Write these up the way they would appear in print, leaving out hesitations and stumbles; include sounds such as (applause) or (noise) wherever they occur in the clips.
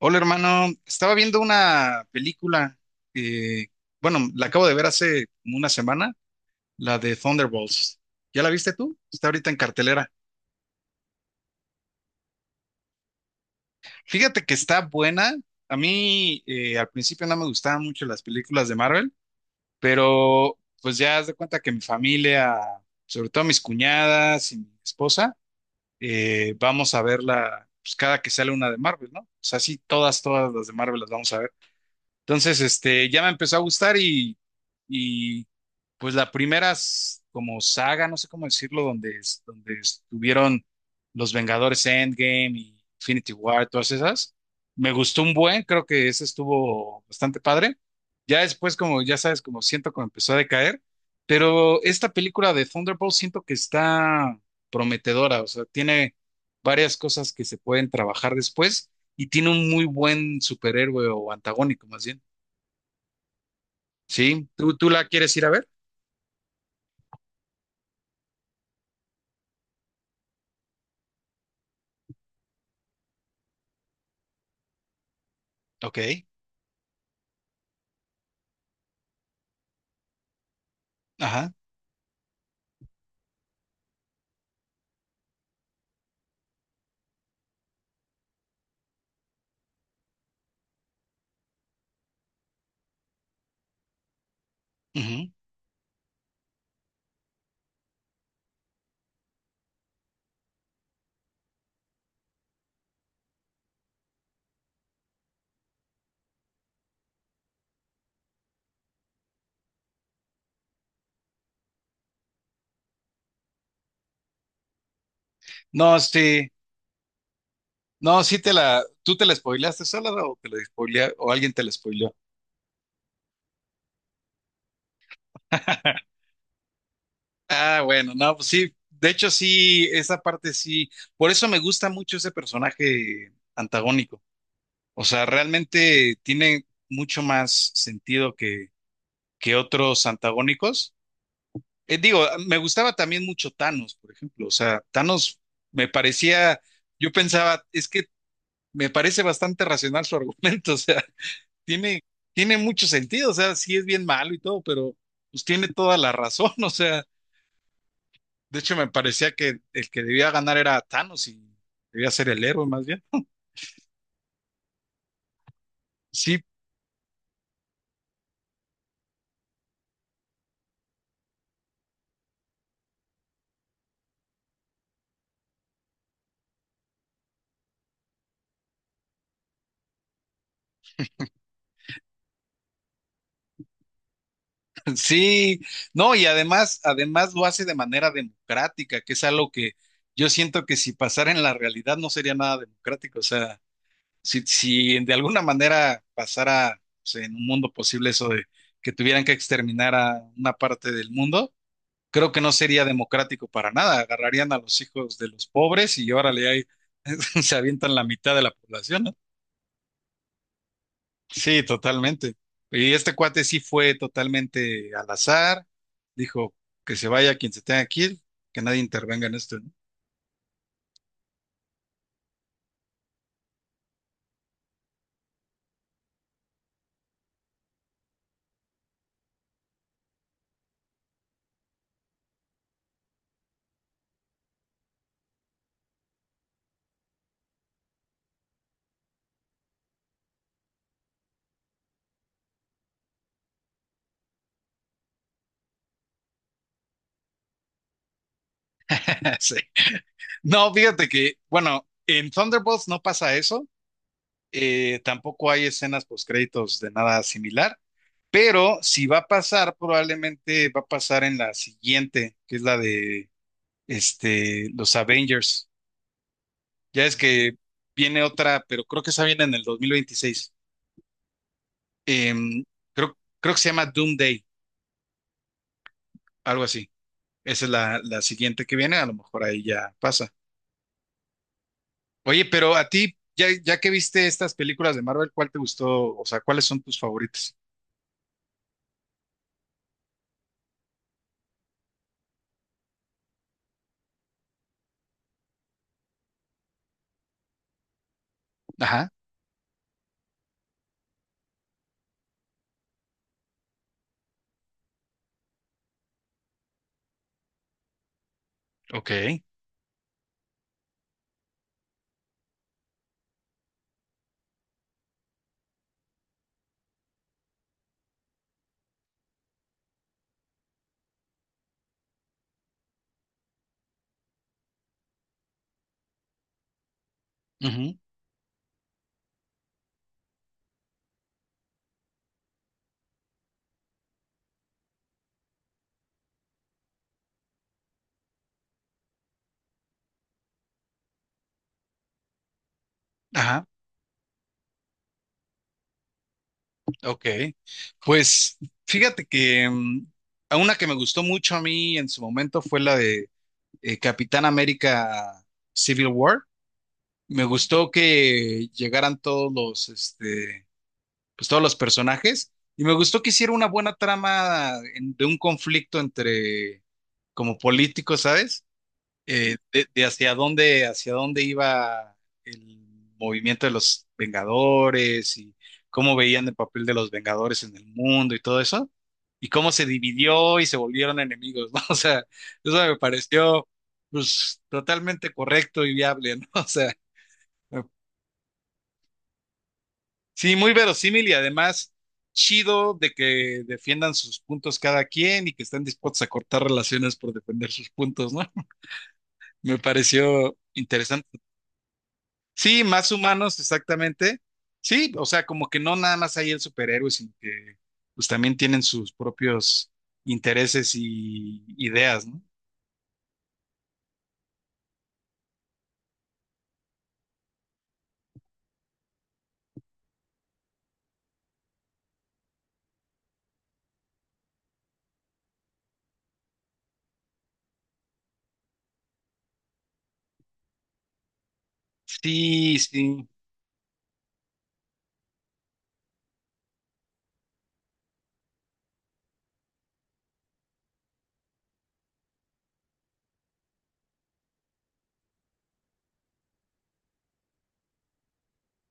Hola hermano, estaba viendo una película que, bueno, la acabo de ver hace como una semana, la de Thunderbolts. ¿Ya la viste tú? Está ahorita en cartelera. Fíjate que está buena. A mí al principio no me gustaban mucho las películas de Marvel, pero pues ya haz de cuenta que mi familia, sobre todo mis cuñadas y mi esposa, vamos a verla pues, cada que sale una de Marvel, ¿no? O sea, sí, todas las de Marvel las vamos a ver. Entonces, ya me empezó a gustar y pues la primera como saga, no sé cómo decirlo, donde estuvieron los Vengadores Endgame y Infinity War, todas esas, me gustó un buen, creo que ese estuvo bastante padre. Ya después, como ya sabes, como siento como empezó a decaer, pero esta película de Thunderbolt siento que está prometedora, o sea, tiene varias cosas que se pueden trabajar después y tiene un muy buen superhéroe o antagónico más bien. Sí, ¿tú la quieres ir a ver? Ok, ajá. Ujú. No, sí, no, sí te la, ¿tú te la spoileaste sola o te la o alguien te la spoileó? (laughs) Ah, bueno, no, pues sí, de hecho sí, esa parte sí, por eso me gusta mucho ese personaje antagónico, o sea, realmente tiene mucho más sentido que otros antagónicos, digo, me gustaba también mucho Thanos, por ejemplo. O sea, Thanos me parecía, yo pensaba, es que me parece bastante racional su argumento. (laughs) O sea, tiene, tiene mucho sentido. O sea, sí es bien malo y todo, pero pues tiene toda la razón. (laughs) O sea, de hecho me parecía que el que debía ganar era Thanos y debía ser el héroe más bien. Sí, (laughs) sí, no, y además, además lo hace de manera democrática, que es algo que yo siento que si pasara en la realidad no sería nada democrático. O sea, si de alguna manera pasara pues, en un mundo posible eso de que tuvieran que exterminar a una parte del mundo, creo que no sería democrático para nada. Agarrarían a los hijos de los pobres y órale, ahí (laughs) se avientan la mitad de la población, ¿no? Sí, totalmente. Y este cuate sí fue totalmente al azar, dijo que se vaya quien se tenga que ir, que nadie intervenga en esto, ¿no? (laughs) Sí. No, fíjate que, bueno, en Thunderbolts no pasa eso, tampoco hay escenas postcréditos de nada similar, pero si va a pasar, probablemente va a pasar en la siguiente, que es la de los Avengers. Ya es que viene otra, pero creo que esa viene en el 2026. Em, creo que se llama Doomsday, algo así. Esa es la siguiente que viene, a lo mejor ahí ya pasa. Oye, pero a ti, ya que viste estas películas de Marvel, ¿cuál te gustó? O sea, ¿cuáles son tus favoritas? Ajá, ok. Ujú. Ajá. Ok, pues fíjate que a una que me gustó mucho a mí en su momento fue la de Capitán América Civil War. Me gustó que llegaran todos los, pues todos los personajes y me gustó que hiciera una buena trama de un conflicto entre como políticos, ¿sabes? De hacia hacia dónde iba el movimiento de los Vengadores y cómo veían el papel de los Vengadores en el mundo y todo eso, y cómo se dividió y se volvieron enemigos, ¿no? (laughs) O sea, eso me pareció pues totalmente correcto y viable, ¿no? (laughs) O sea, sí, muy verosímil y además chido de que defiendan sus puntos cada quien y que estén dispuestos a cortar relaciones por defender sus puntos, ¿no? (laughs) Me pareció interesante. Sí, más humanos, exactamente. Sí, o sea, como que no nada más hay el superhéroe, sino que pues también tienen sus propios intereses y ideas, ¿no? Sí, sí,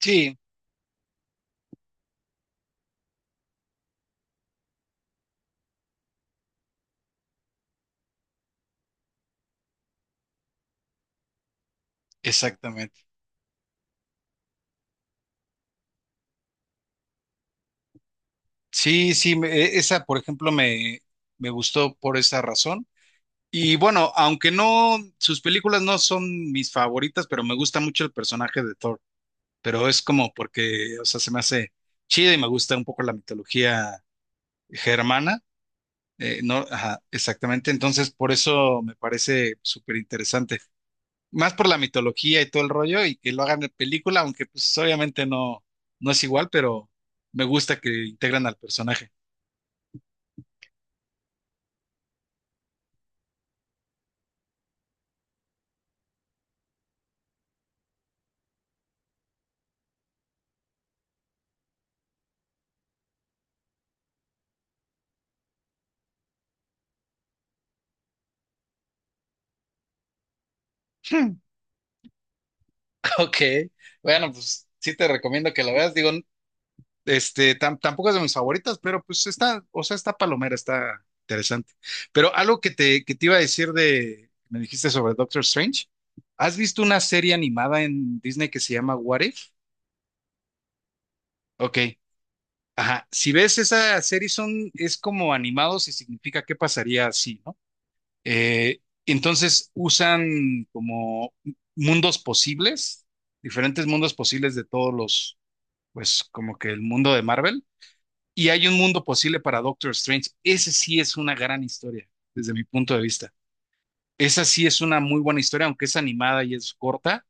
sí, exactamente. Sí, sí, esa, por ejemplo, me gustó por esa razón. Y bueno, aunque no, sus películas no son mis favoritas, pero me gusta mucho el personaje de Thor. Pero es como porque, o sea, se me hace chido y me gusta un poco la mitología germana. No, ajá, exactamente. Entonces, por eso me parece súper interesante. Más por la mitología y todo el rollo y que lo hagan en película, aunque pues obviamente no, no es igual, pero me gusta que integran al personaje. (laughs) Hmm. Ok, bueno, pues sí te recomiendo que lo veas. Digo, tampoco es de mis favoritas, pero pues está, o sea, está palomera, está interesante. Pero algo que te iba a decir de, me dijiste sobre Doctor Strange, ¿has visto una serie animada en Disney que se llama What If? Ok, ajá, si ves esa serie son, es como animados y significa qué pasaría así, ¿no? Entonces usan como mundos posibles, diferentes mundos posibles de todos los, pues como que el mundo de Marvel, y hay un mundo posible para Doctor Strange. Ese sí es una gran historia, desde mi punto de vista. Esa sí es una muy buena historia, aunque es animada y es corta.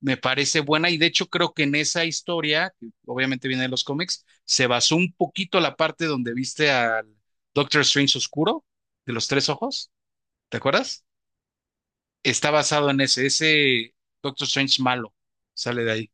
Me parece buena y de hecho creo que en esa historia, que obviamente viene de los cómics, se basó un poquito la parte donde viste al Doctor Strange Oscuro de los tres ojos, ¿te acuerdas? Está basado en ese Doctor Strange malo, sale de ahí,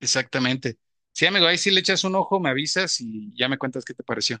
exactamente. Sí, amigo, ahí sí le echas un ojo, me avisas y ya me cuentas qué te pareció.